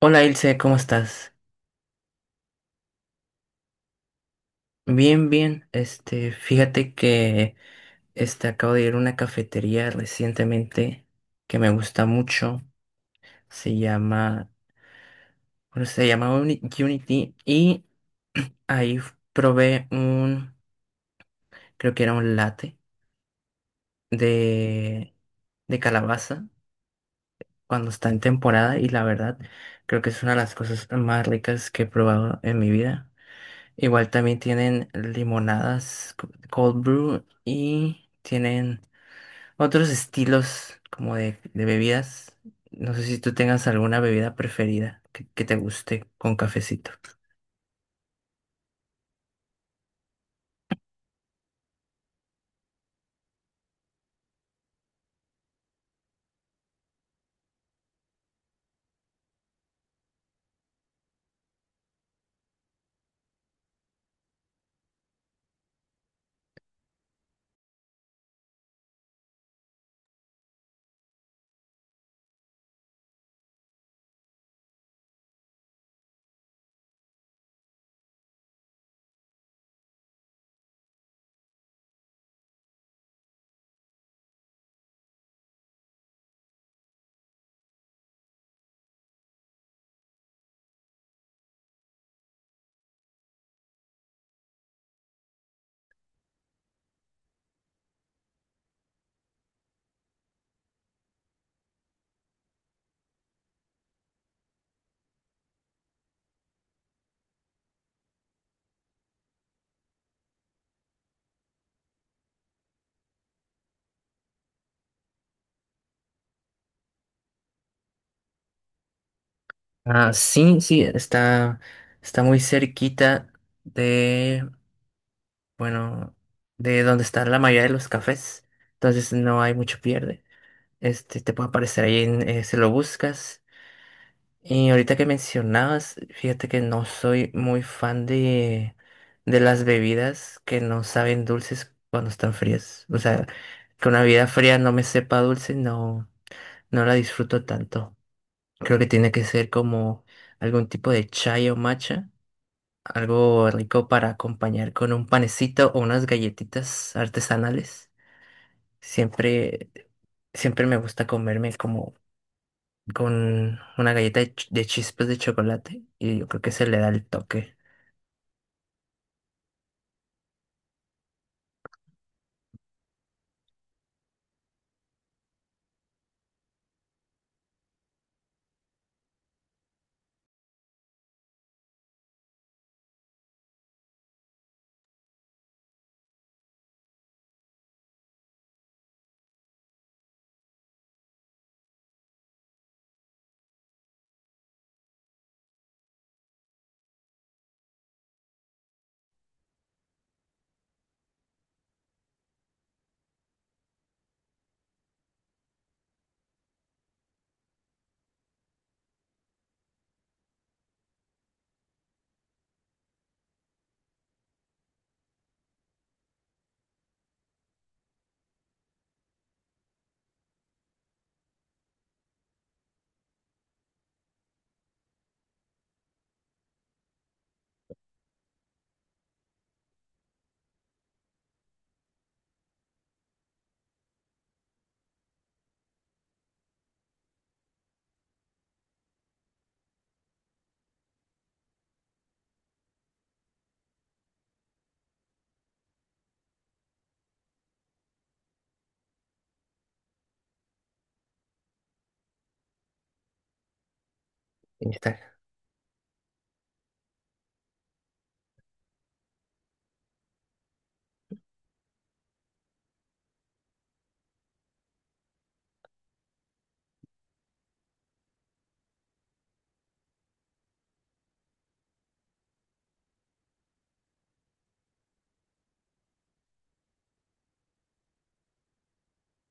Hola Ilse, ¿cómo estás? Bien, bien. Fíjate que acabo de ir a una cafetería recientemente que me gusta mucho. Se llama, bueno, ¿se llama Unity? Y ahí probé un, creo que era un latte de, de calabaza cuando está en temporada y la verdad creo que es una de las cosas más ricas que he probado en mi vida. Igual también tienen limonadas, cold brew y tienen otros estilos como de bebidas. No sé si tú tengas alguna bebida preferida que te guste con cafecito. Ah, sí, sí, está muy cerquita de, bueno, de donde están la mayoría de los cafés. Entonces no hay mucho pierde. Este, te puede aparecer ahí en, si lo buscas. Y ahorita que mencionabas, fíjate que no soy muy fan de las bebidas que no saben dulces cuando están frías. O sea, que una bebida fría no me sepa dulce, no, no la disfruto tanto. Creo que tiene que ser como algún tipo de chai o matcha, algo rico para acompañar con un panecito o unas galletitas artesanales. Siempre, siempre me gusta comerme como con una galleta de, de chispas de chocolate y yo creo que se le da el toque. Y está.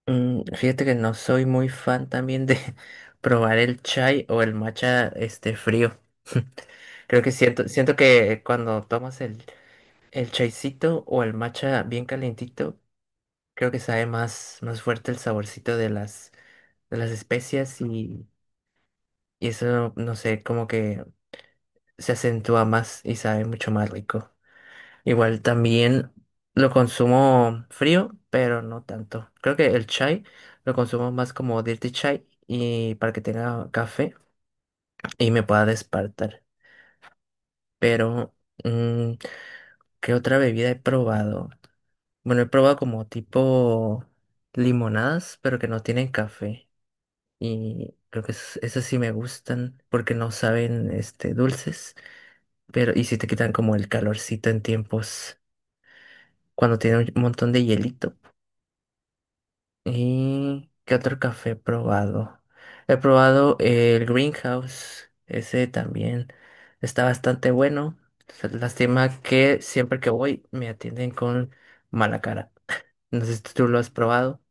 Mm, fíjate que no soy muy fan también de probar el chai o el matcha este frío. Creo que siento que cuando tomas el chaicito o el matcha bien calientito, creo que sabe más, más fuerte el saborcito de las especias y eso, no sé, como que se acentúa más y sabe mucho más rico. Igual también lo consumo frío, pero no tanto. Creo que el chai lo consumo más como dirty chai y para que tenga café y me pueda despertar. Pero, mm, ¿qué otra bebida he probado? Bueno, he probado como tipo limonadas, pero que no tienen café. Y creo que esas sí me gustan porque no saben este dulces, pero y si te quitan como el calorcito en tiempos cuando tiene un montón de hielito. ¿Y qué otro café he probado? He probado el Greenhouse, ese también está bastante bueno. Lástima que siempre que voy me atienden con mala cara. No sé si tú lo has probado.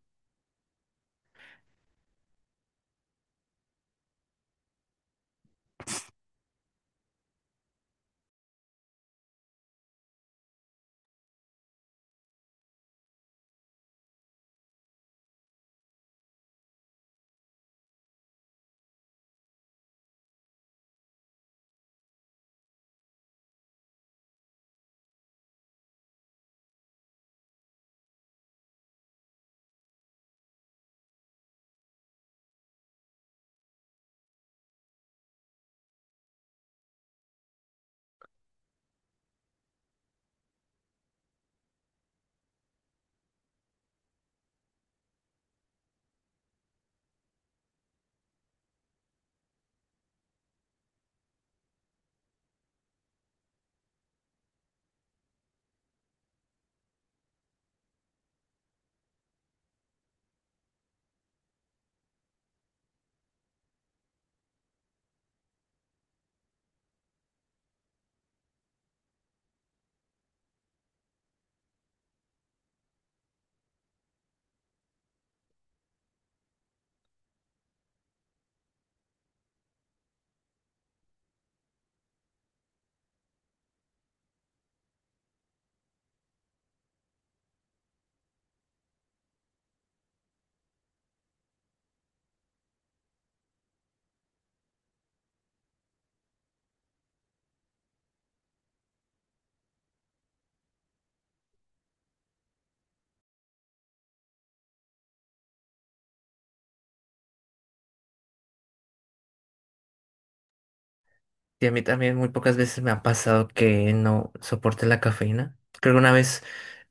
Y a mí también muy pocas veces me ha pasado que no soporte la cafeína. Creo que una vez,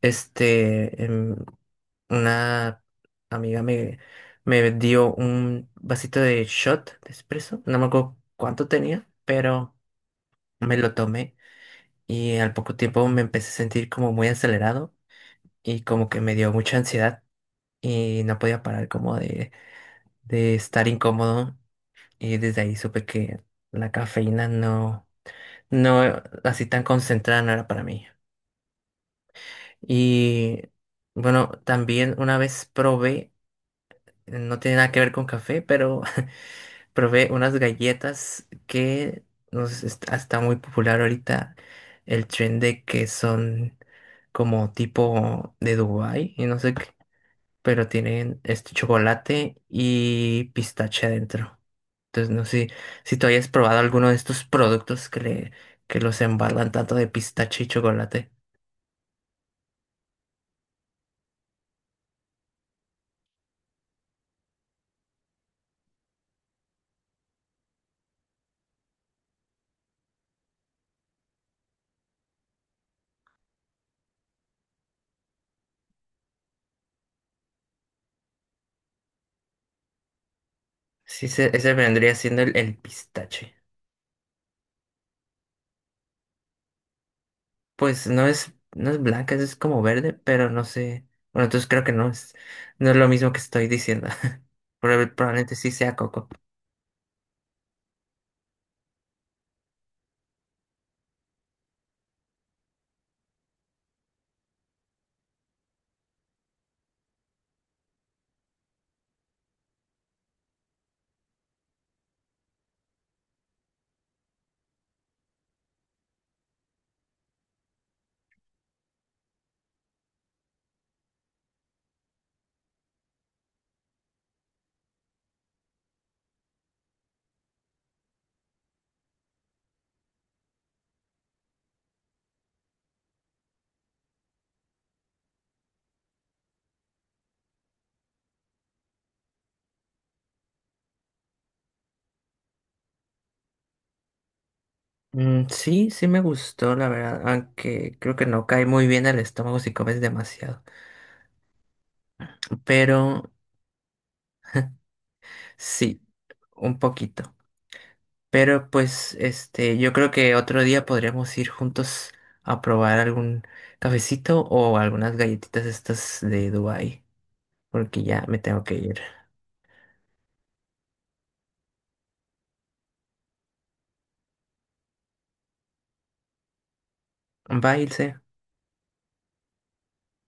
este, em, una amiga me, me dio un vasito de shot de espresso. No me acuerdo cuánto tenía, pero... Me lo tomé y al poco tiempo me empecé a sentir como muy acelerado y como que me dio mucha ansiedad y no podía parar como de estar incómodo y desde ahí supe que la cafeína no, no así tan concentrada no era para mí. Y bueno, también una vez probé, no tiene nada que ver con café, pero probé unas galletas que está muy popular ahorita el trend de que son como tipo de Dubái y no sé qué, pero tienen este chocolate y pistache adentro. Entonces no sé si tú hayas probado alguno de estos productos que los embargan tanto de pistache y chocolate. Sí, ese vendría siendo el pistache. Pues no es, no es blanca, es como verde, pero no sé. Bueno, entonces creo que no es, no es lo mismo que estoy diciendo. Probablemente sí sea coco. Mm, sí, sí me gustó, la verdad, aunque creo que no cae muy bien al estómago si comes demasiado. Pero sí, un poquito. Pero pues, este, yo creo que otro día podríamos ir juntos a probar algún cafecito o algunas galletitas estas de Dubái, porque ya me tengo que ir. Bye, Ilse.